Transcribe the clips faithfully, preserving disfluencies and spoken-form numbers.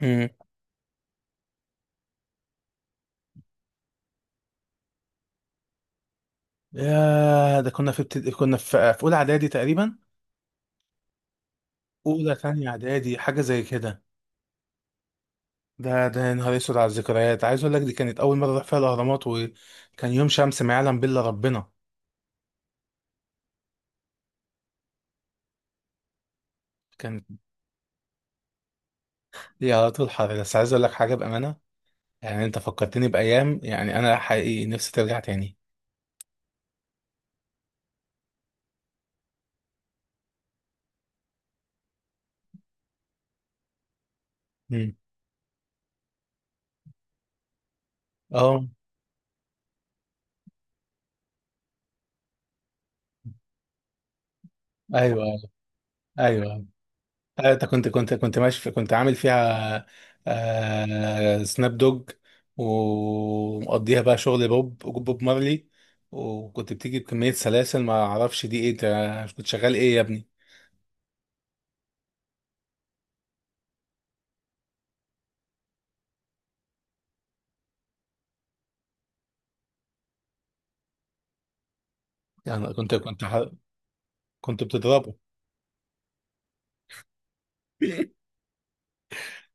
امم يا ده كنا في بتد... كنا في في اولى اعدادي تقريبا، اولى ثانيه اعدادي، حاجه زي كده. ده ده يا نهار اسود على الذكريات، عايز اقول لك دي كانت اول مره اروح فيها الاهرامات، وكان يوم شمس ما يعلم بالله ربنا. كانت لي على طول حر. بس عايز اقول لك حاجه بامانه، يعني انت فكرتني بايام، يعني انا حقيقي نفسي ترجع تاني. امم، اه، ايوه، ايوه، أيوه. آه، انت كنت كنت كنت ماشي في كنت عامل فيها، آه سناب دوج. ومقضيها بقى شغل بوب بوب مارلي، وكنت بتيجي بكمية سلاسل، ما اعرفش دي ايه. انت كنت شغال ايه يا ابني؟ يعني كنت كنت ح- كنت بتضربه؟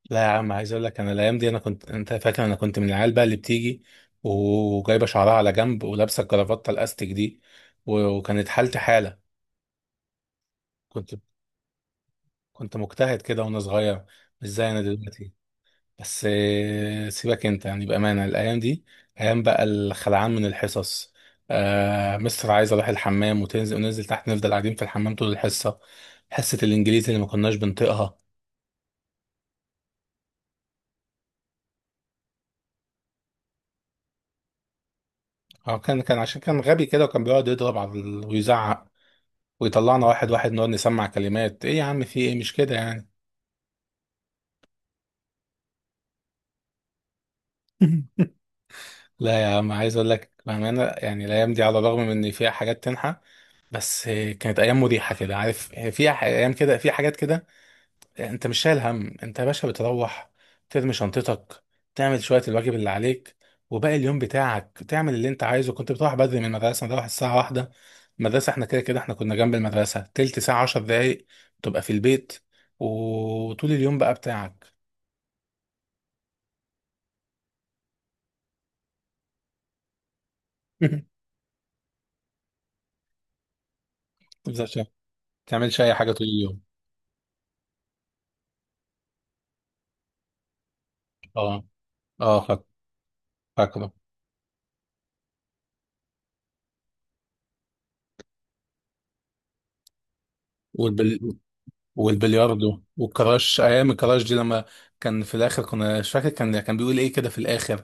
لا يا عم، عايز اقول لك انا الايام دي، انا كنت، انت فاكر انا كنت من العيال بقى اللي بتيجي وجايبه شعرها على جنب، ولابسه الجرافته الاستيك دي، و- وكانت حالتي حاله. كنت كنت مجتهد كده وانا صغير، مش زي انا دلوقتي. بس آه، سيبك انت، يعني بأمانة الأيام دي، أيام بقى الخلعان من الحصص. آه مستر عايز أروح الحمام، وتنزل وننزل تحت، نفضل قاعدين في الحمام طول الحصة، حصة الإنجليزي اللي ما كناش بنطيقها. هو كان كان عشان كان غبي كده، وكان بيقعد يضرب على ال- ويزعق، ويطلعنا واحد واحد نقعد نسمع كلمات. إيه يا عم؟ في إيه؟ مش كده يعني. لا يا عم، عايز أقول لك بأمانة، يعني الأيام دي على الرغم من إن فيها حاجات تنحى، بس آه، كانت أيام مريحة كده، عارف آه، فيها ح- أيام كده، في حاجات كده، انت مش شايل هم. انت يا باشا بتروح ترمي شنطتك، تعمل شوية الواجب اللي عليك، وباقي اليوم بتاعك تعمل اللي انت عايزه. كنت بتروح بدري من المدرسة، نروح الساعة واحدة، المدرسة، احنا كده كده احنا كنا جنب المدرسة تلت ساعة عشر دقايق، تبقى في البيت، وطول اليوم بقى بتاعك. متبذلش- ما تعملش اي حاجة طول اليوم. اه، اه، فاك- فاكره. والبل... والبلياردو والكراش. ايام الكراش دي، لما كان في الاخر، كنا مش فاكر، كان كان بيقول ايه كده في الاخر،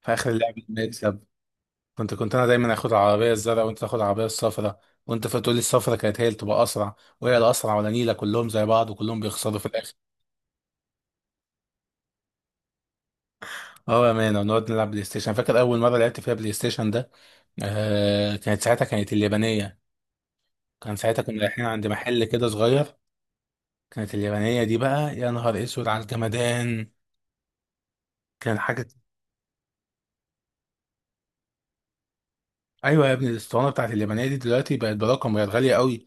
في اخر اللعبة. كنت كنت انا دايما اخد العربيه الزرقاء، وانت تاخد العربيه الصفراء، وانت فتقول لي الصفراء كانت هي اللي تبقى اسرع. وهي الاسرع ولا نيله؟ كلهم زي بعض وكلهم بيخسروا في الاخر. اه يا مان، ونقعد نلعب بلاي ستيشن. فاكر اول مره لعبت فيها بلاي ستيشن ده؟ آه كانت ساعتها، كانت اليابانيه، كان ساعتها كنا رايحين عند محل كده صغير. كانت اليابانيه دي بقى، يا نهار اسود على الجمدان، كان حاجه. ايوه يا ابني، الاسطوانه بتاعت اليابانيه دي دلوقتي بقت برقم، بقت غاليه قوي،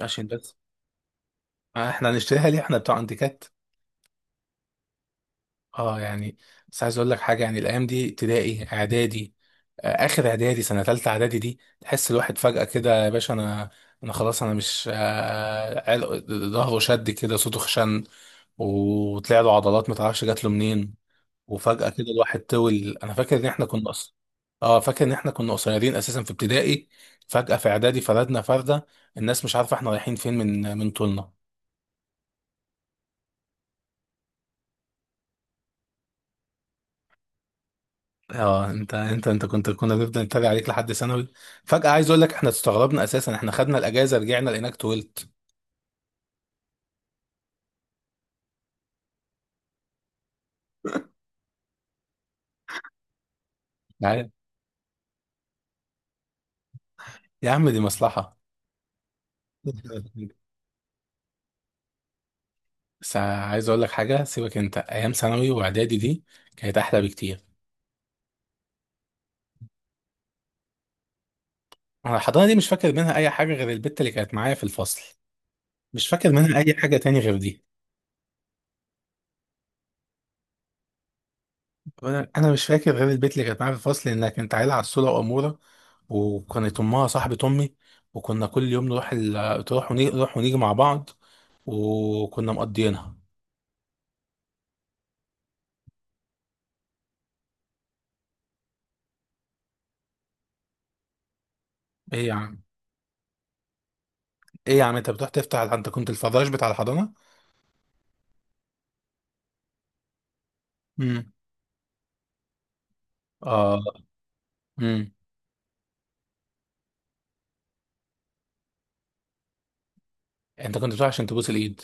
عشان بس. آه، احنا هنشتريها ليه؟ احنا بتوع انتيكات. اه يعني، بس عايز اقول لك حاجه، يعني الايام دي ابتدائي اعدادي، آه، اخر اعدادي، سنه ثالثه اعدادي دي، تحس الواحد فجاه كده يا باشا. انا، انا خلاص انا مش آه، عل- ظهره شد كده، صوته خشن، وطلع له عضلات ما تعرفش جات له منين. وفجاه كده الواحد طول. انا فاكر ان احنا كنا اصلا، اه، فاكر ان احنا كنا قصيرين اساسا في ابتدائي، فجاه في اعدادي فردنا فرده، الناس مش عارفه احنا رايحين فين، من من طولنا. اه، انت انت انت كنت، كنا بنفضل نتريق عليك لحد ثانوي. فجأة عايز اقول لك احنا استغربنا اساسا، احنا خدنا الاجازة رجعنا لقيناك طولت. يعني- يا عم دي مصلحة. بس عايز اقول لك حاجة، سيبك انت، ايام ثانوي واعدادي دي كانت احلى بكتير. انا الحضانة دي مش فاكر منها اي حاجة غير البت اللي كانت معايا في الفصل، مش فاكر منها اي حاجة تاني غير دي. انا أنا مش فاكر غير البت اللي كانت معايا في الفصل، انها كانت عيلة عسولة وامورة، وكانت امها صاحبة امي. وكنا كل يوم نروح ال... تروح ونيجي، نروح ونيجي مع بعض، وكنا مقضيينها. ايه يا عم، ايه يا عم، انت بتروح تفتح؟ انت كنت الفراش بتاع الحضانه؟ امم، اه، امم. انت كنت بتروح عشان تبوس الايد؟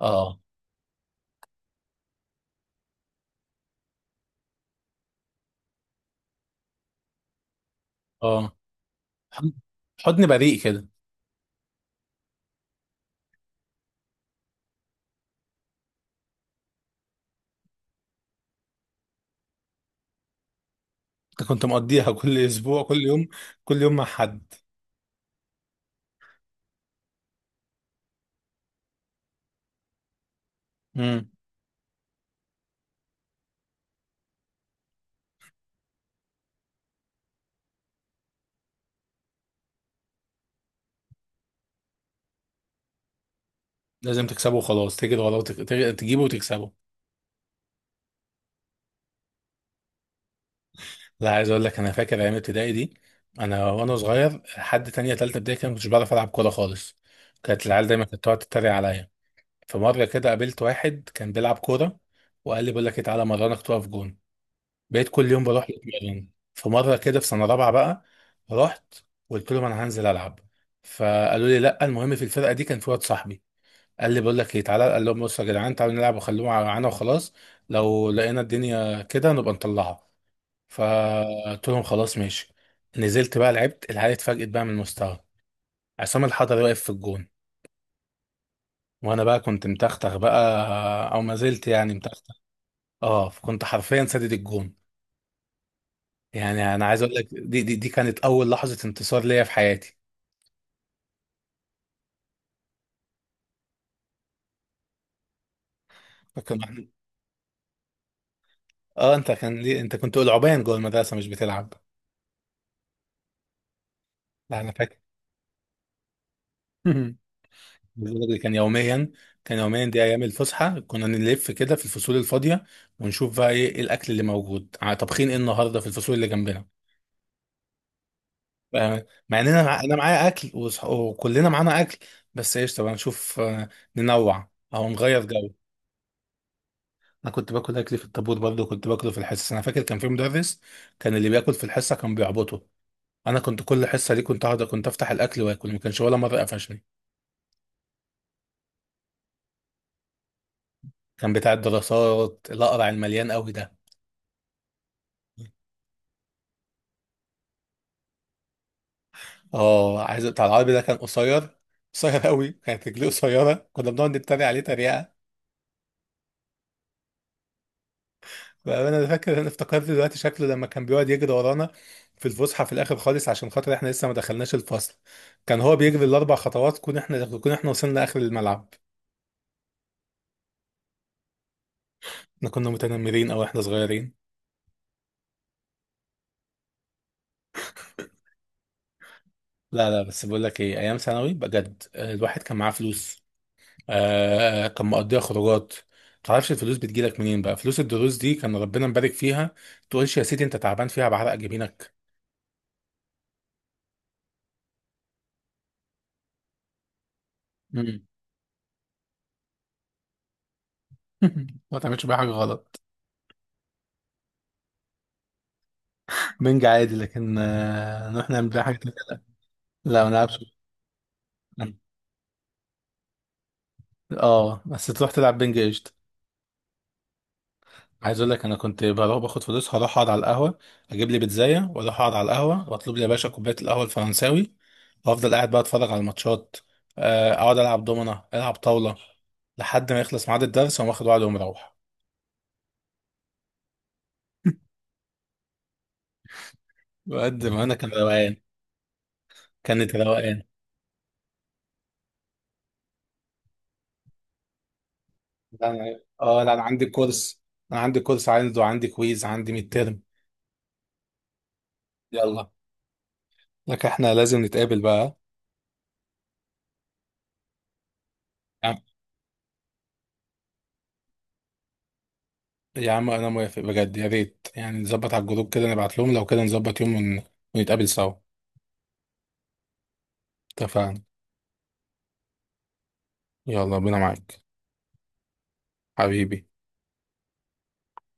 اه، اه، حضن حضن بريء كده. انت كنت مقضيها كل اسبوع، كل يوم، كل يوم مع حد. امم. لازم تكسبه وخلاص، تجري وراه وتك... تج- تجيبه وتكسبه. لا، عايز اقول لك انا فاكر ايام ابتدائي دي، انا وانا صغير لحد تانية تالتة ابتدائي كده، ما كنتش بعرف العب كوره خالص. كانت العيال دايما كانت تقعد تتريق عليا. في مرة كده قابلت واحد كان بيلعب كورة، وقال لي بقول لك إيه، تعالى مرنك تقف جون. بقيت كل يوم بروح له اتمرن. في مرة كده في سنة رابعة بقى، رحت قلت لهم أنا هنزل ألعب. فقالوا لي لا. المهم، في الفرقة دي كان في واد صاحبي، قال لي بقول لك إيه تعالى، قال لهم بصوا يا جدعان، تعالوا نلعب وخلوهم معانا وخلاص، لو لقينا الدنيا كده نبقى نطلعها. فقلت لهم خلاص ماشي. نزلت بقى لعبت، العيال اتفاجئت بقى من المستوى، عصام الحضري واقف في الجون. وانا بقى كنت متختخ بقى، او ما زلت يعني متختخ، اه، فكنت حرفيا سدد الجون. يعني انا عايز اقول لك دي دي, دي كانت اول لحظه انتصار ليا في حياتي. فكنا احنا، اه، انت كان ليه انت كنت العبان جوه المدرسه مش بتلعب؟ لا انا فاكر. عايز أقول لك دي كان يوميا، كان يوميا. دي ايام الفسحه، كنا نلف كده في الفصول الفاضيه، ونشوف بقى ايه إيه الاكل اللي موجود، ع- طابخين ايه النهارده في الفصول اللي جنبنا، آه، مع اننا مع... انا معايا اكل وصح... وكلنا معانا اكل، بس ايش طبعا نشوف آه، ننوع او نغير جو. انا كنت باكل اكلي في الطابور برضه، كنت باكله في الحصص. انا فاكر كان في مدرس، كان اللي بياكل في الحصه كان بيعبطه، انا كنت كل حصه دي، كنت اقعد، كنت افتح الاكل واكل، ما كانش ولا مره قفشني. كان بتاع الدراسات الاقرع، المليان قوي ده. اه، عايز بتاع العربي ده، كان قصير، قصير قوي، كانت رجليه قصيره، كنا بنقعد نتريق عليه تريقه. انا فاكر، انا افتكرت دلوقتي شكله لما كان بيقعد يجري ورانا في الفسحه، في الاخر خالص، عشان خاطر احنا لسه ما دخلناش الفصل. كان هو بيجري الاربع خطوات كون احنا كون احنا وصلنا اخر الملعب. احنا كنا متنمرين، او احنا صغيرين. لا، لا، بس بقول لك ايه، ايام ثانوي بجد آه، الواحد كان معاه فلوس، آه كان مقضيها خروجات. متعرفش الفلوس بتجيلك منين بقى. فلوس الدروس دي كان ربنا مبارك فيها، تقولش يا سيدي انت تعبان فيها بعرق جبينك. مم. ما تعملش بيها حاجه غلط. بنج عادي، لكن آه نروح نعمل بيها حاجه تانية. لا ما نلعبش. اه، بس تروح تلعب بنج قشطه. عايز اقول لك انا كنت بروح باخد فلوس، هروح اقعد على القهوه، اجيب لي بيتزايه، واروح اقعد على القهوه، واطلب لي يا باشا كوبايه القهوه الفرنساوي، وافضل قاعد بقى اتفرج على الماتشات، آه، اقعد العب دومنه، العب طاوله، لحد ما يخلص ميعاد الدرس، واقوم واخد وعد ومروح. بقد ما انا كان روقان، كانت روقان. لا انا اه لا انا عندي كورس، انا عندي كورس، عندي وعندي كويز، عندي ميد ترم. يلا. لك احنا لازم نتقابل بقى. يا عم، يا عم، انا موافق بجد، يا ريت يعني نظبط على الجروب كده، نبعت لهم لو كده نظبط يوم ون- ونتقابل سوا. اتفقنا. يلا بينا معاك، حبيبي.